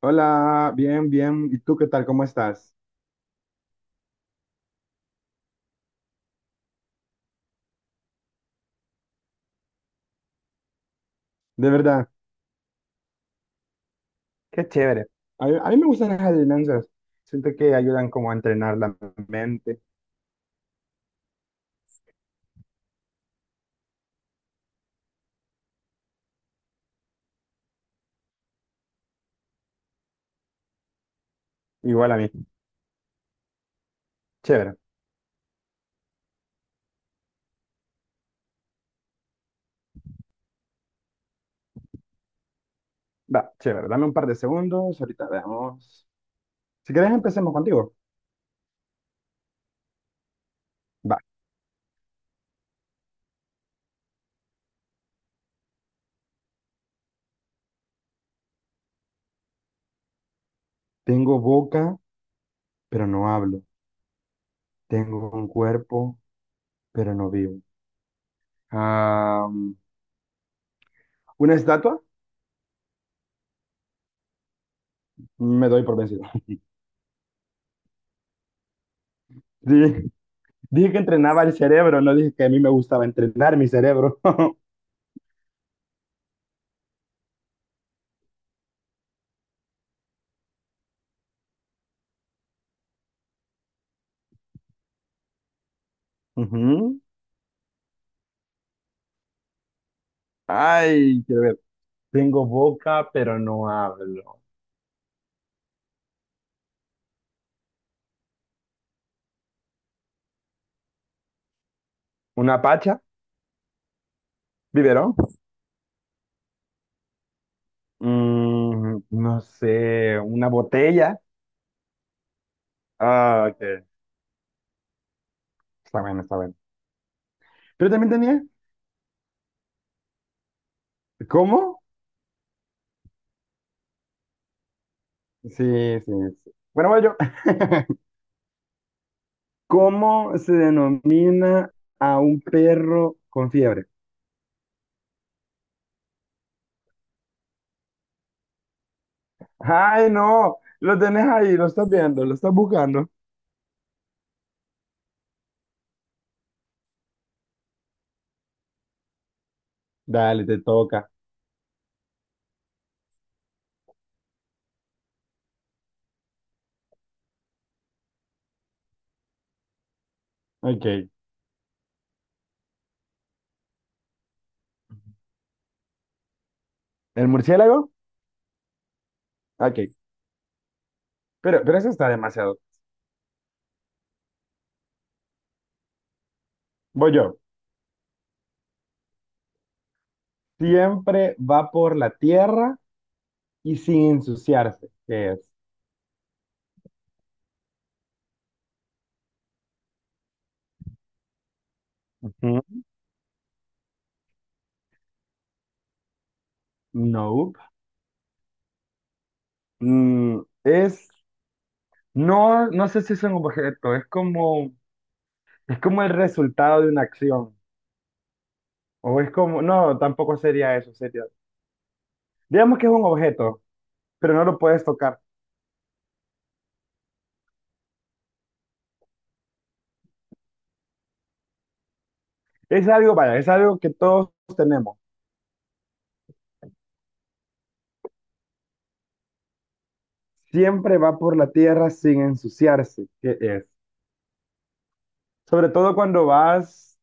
Hola, bien, bien. ¿Y tú qué tal? ¿Cómo estás? De verdad. Qué chévere. A mí me gustan las adivinanzas. Siento que ayudan como a entrenar la mente. Igual a mí. Chévere. Va, chévere. Dame un par de segundos. Ahorita veamos. Si quieres, empecemos contigo. Va. Tengo boca, pero no hablo. Tengo un cuerpo, pero no vivo. Ah, ¿una estatua? Me doy por vencido. Dije, dije que entrenaba el cerebro, no dije que a mí me gustaba entrenar mi cerebro. Ujú. Ay, quiero ver. Tengo boca, pero no hablo. ¿Una pacha? ¿Biberón? Mm, no sé, una botella. Ah, ok. Está bien, está bien. Pero también tenía. ¿Cómo? Sí, sí, sí. Bueno, voy yo. ¿Cómo se denomina a un perro con fiebre? Ay, no. Lo tenés ahí, lo estás viendo, lo estás buscando. Dale, te toca. Ok. ¿El murciélago? Ok. Pero eso está demasiado. Voy yo. Siempre va por la tierra y sin ensuciarse, que es. Ujú. Nope. Mm, es, no sé si es un objeto, es como el resultado de una acción. O es como, no, tampoco sería eso, sería. Digamos que es un objeto, pero no lo puedes tocar. Es algo, vaya, es algo que todos tenemos. Siempre va por la tierra sin ensuciarse, que es. Sobre todo cuando vas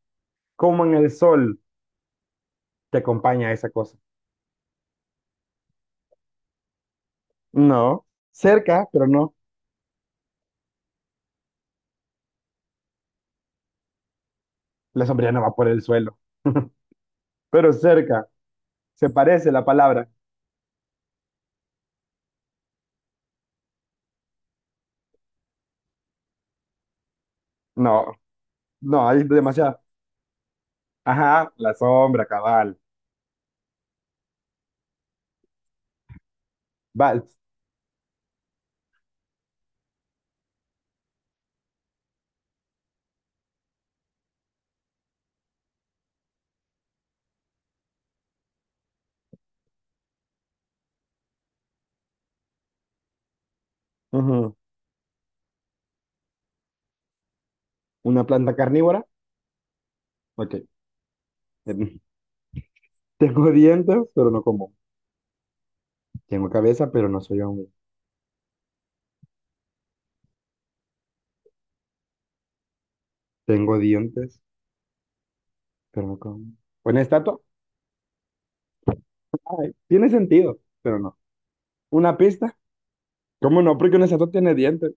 como en el sol, te acompaña esa cosa. No, cerca, pero no. La sombrilla no va por el suelo, pero cerca. Se parece la palabra. No, no, hay demasiado. Ajá, la sombra, cabal. Vals. Ujú. Una planta carnívora. Ok. Em, Tengo dientes, pero no como. Tengo cabeza, pero no soy hombre. Tengo dientes, pero no como. ¿Una estatua? Ay, tiene sentido, pero no. ¿Una pista? ¿Cómo no? Porque una estatua tiene dientes.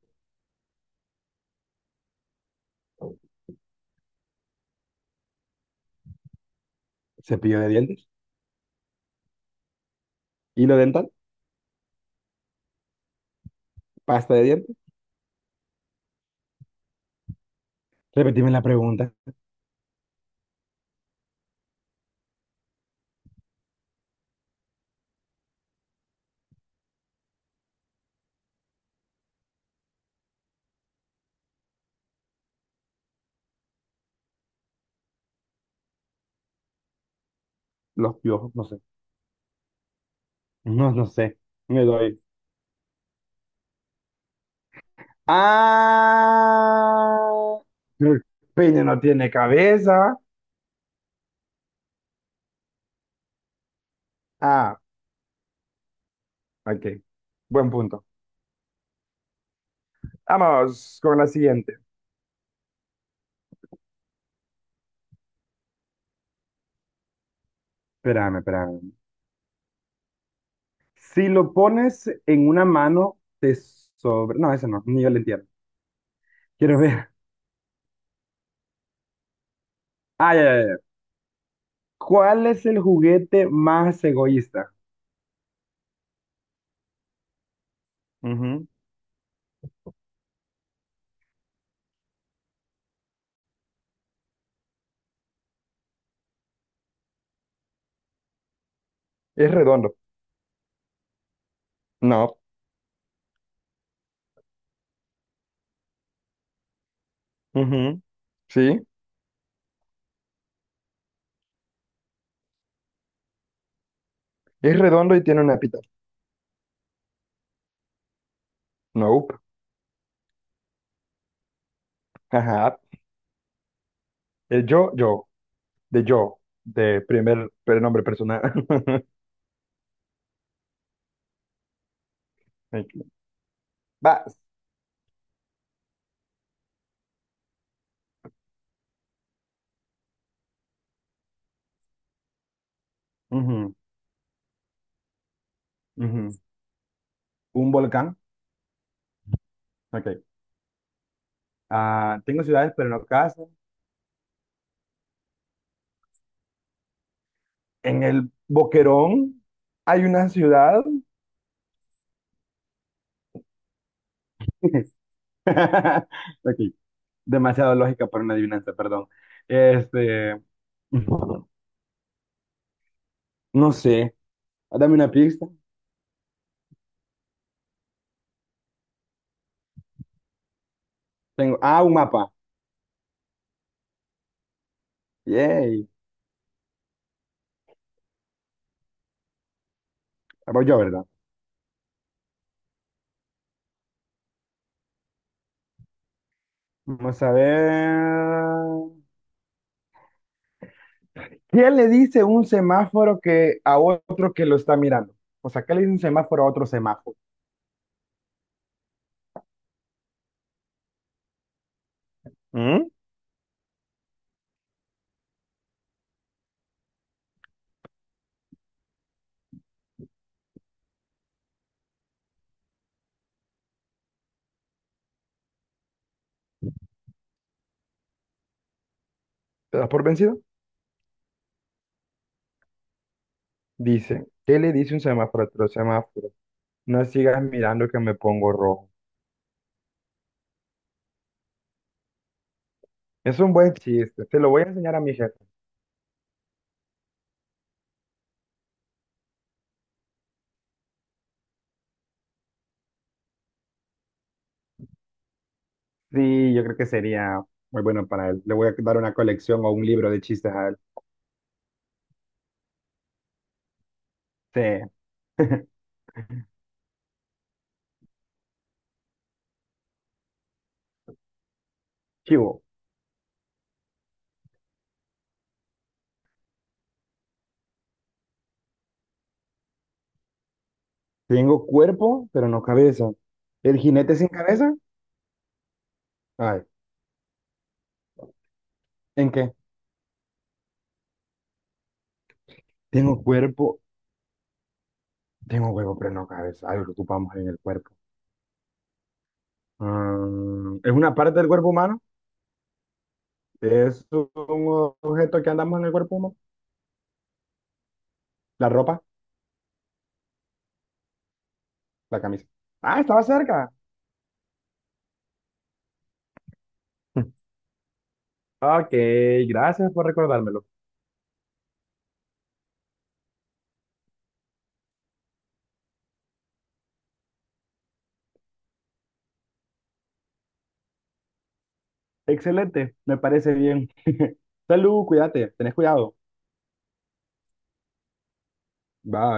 Cepillo de dientes. Hilo dental. Pasta de dientes. Repetime la pregunta. Los piojos, no sé. No, no sé. Me doy. Ah, el peine no tiene cabeza. Ah, ok. Buen punto. Vamos con la siguiente. Espérame, espérame. Si lo pones en una mano, te sobre... No, eso no, ni yo lo entiendo. Quiero ver. Ah, ya, ya, ya. ¿Cuál es el juguete más egoísta? Ujú. Es redondo. No. Ujú. Sí. Es redondo y tiene una pita. No. Ajá. El yo, yo. De yo. De primer nombre personal. Ok. Vas. Ujú, ujú. Un volcán. Ok. Ah, tengo ciudades, pero no casas. En el Boquerón hay una ciudad. Ok, demasiado lógica para una adivinanza, perdón. Este, no sé, dame una pista. Tengo, ah, un mapa. Yay, voy yo, ¿verdad? Vamos a ver. ¿Qué le dice un semáforo que a otro que lo está mirando? O sea, ¿qué le dice un semáforo a otro semáforo? ¿Mm? ¿Te das por vencido? Dice, ¿qué le dice un semáforo a otro semáforo? No sigas mirando que me pongo rojo. Es un buen chiste, se lo voy a enseñar a mi jefe. Sí, yo creo que sería muy bueno para él. Le voy a dar una colección o un libro de chistes a él. Sí. Chivo, tengo cuerpo, pero no cabeza. ¿El jinete sin cabeza? Ay, ¿en qué? Tengo cuerpo, tengo huevo, pero no cabeza. Algo que ocupamos en el cuerpo. Mm, ¿es una parte del cuerpo humano? ¿Es un objeto que andamos en el cuerpo humano? ¿La ropa? La camisa. Ah, estaba cerca. Ok, gracias por recordármelo. Excelente, me parece bien. Salud, cuídate, tenés cuidado. Bye.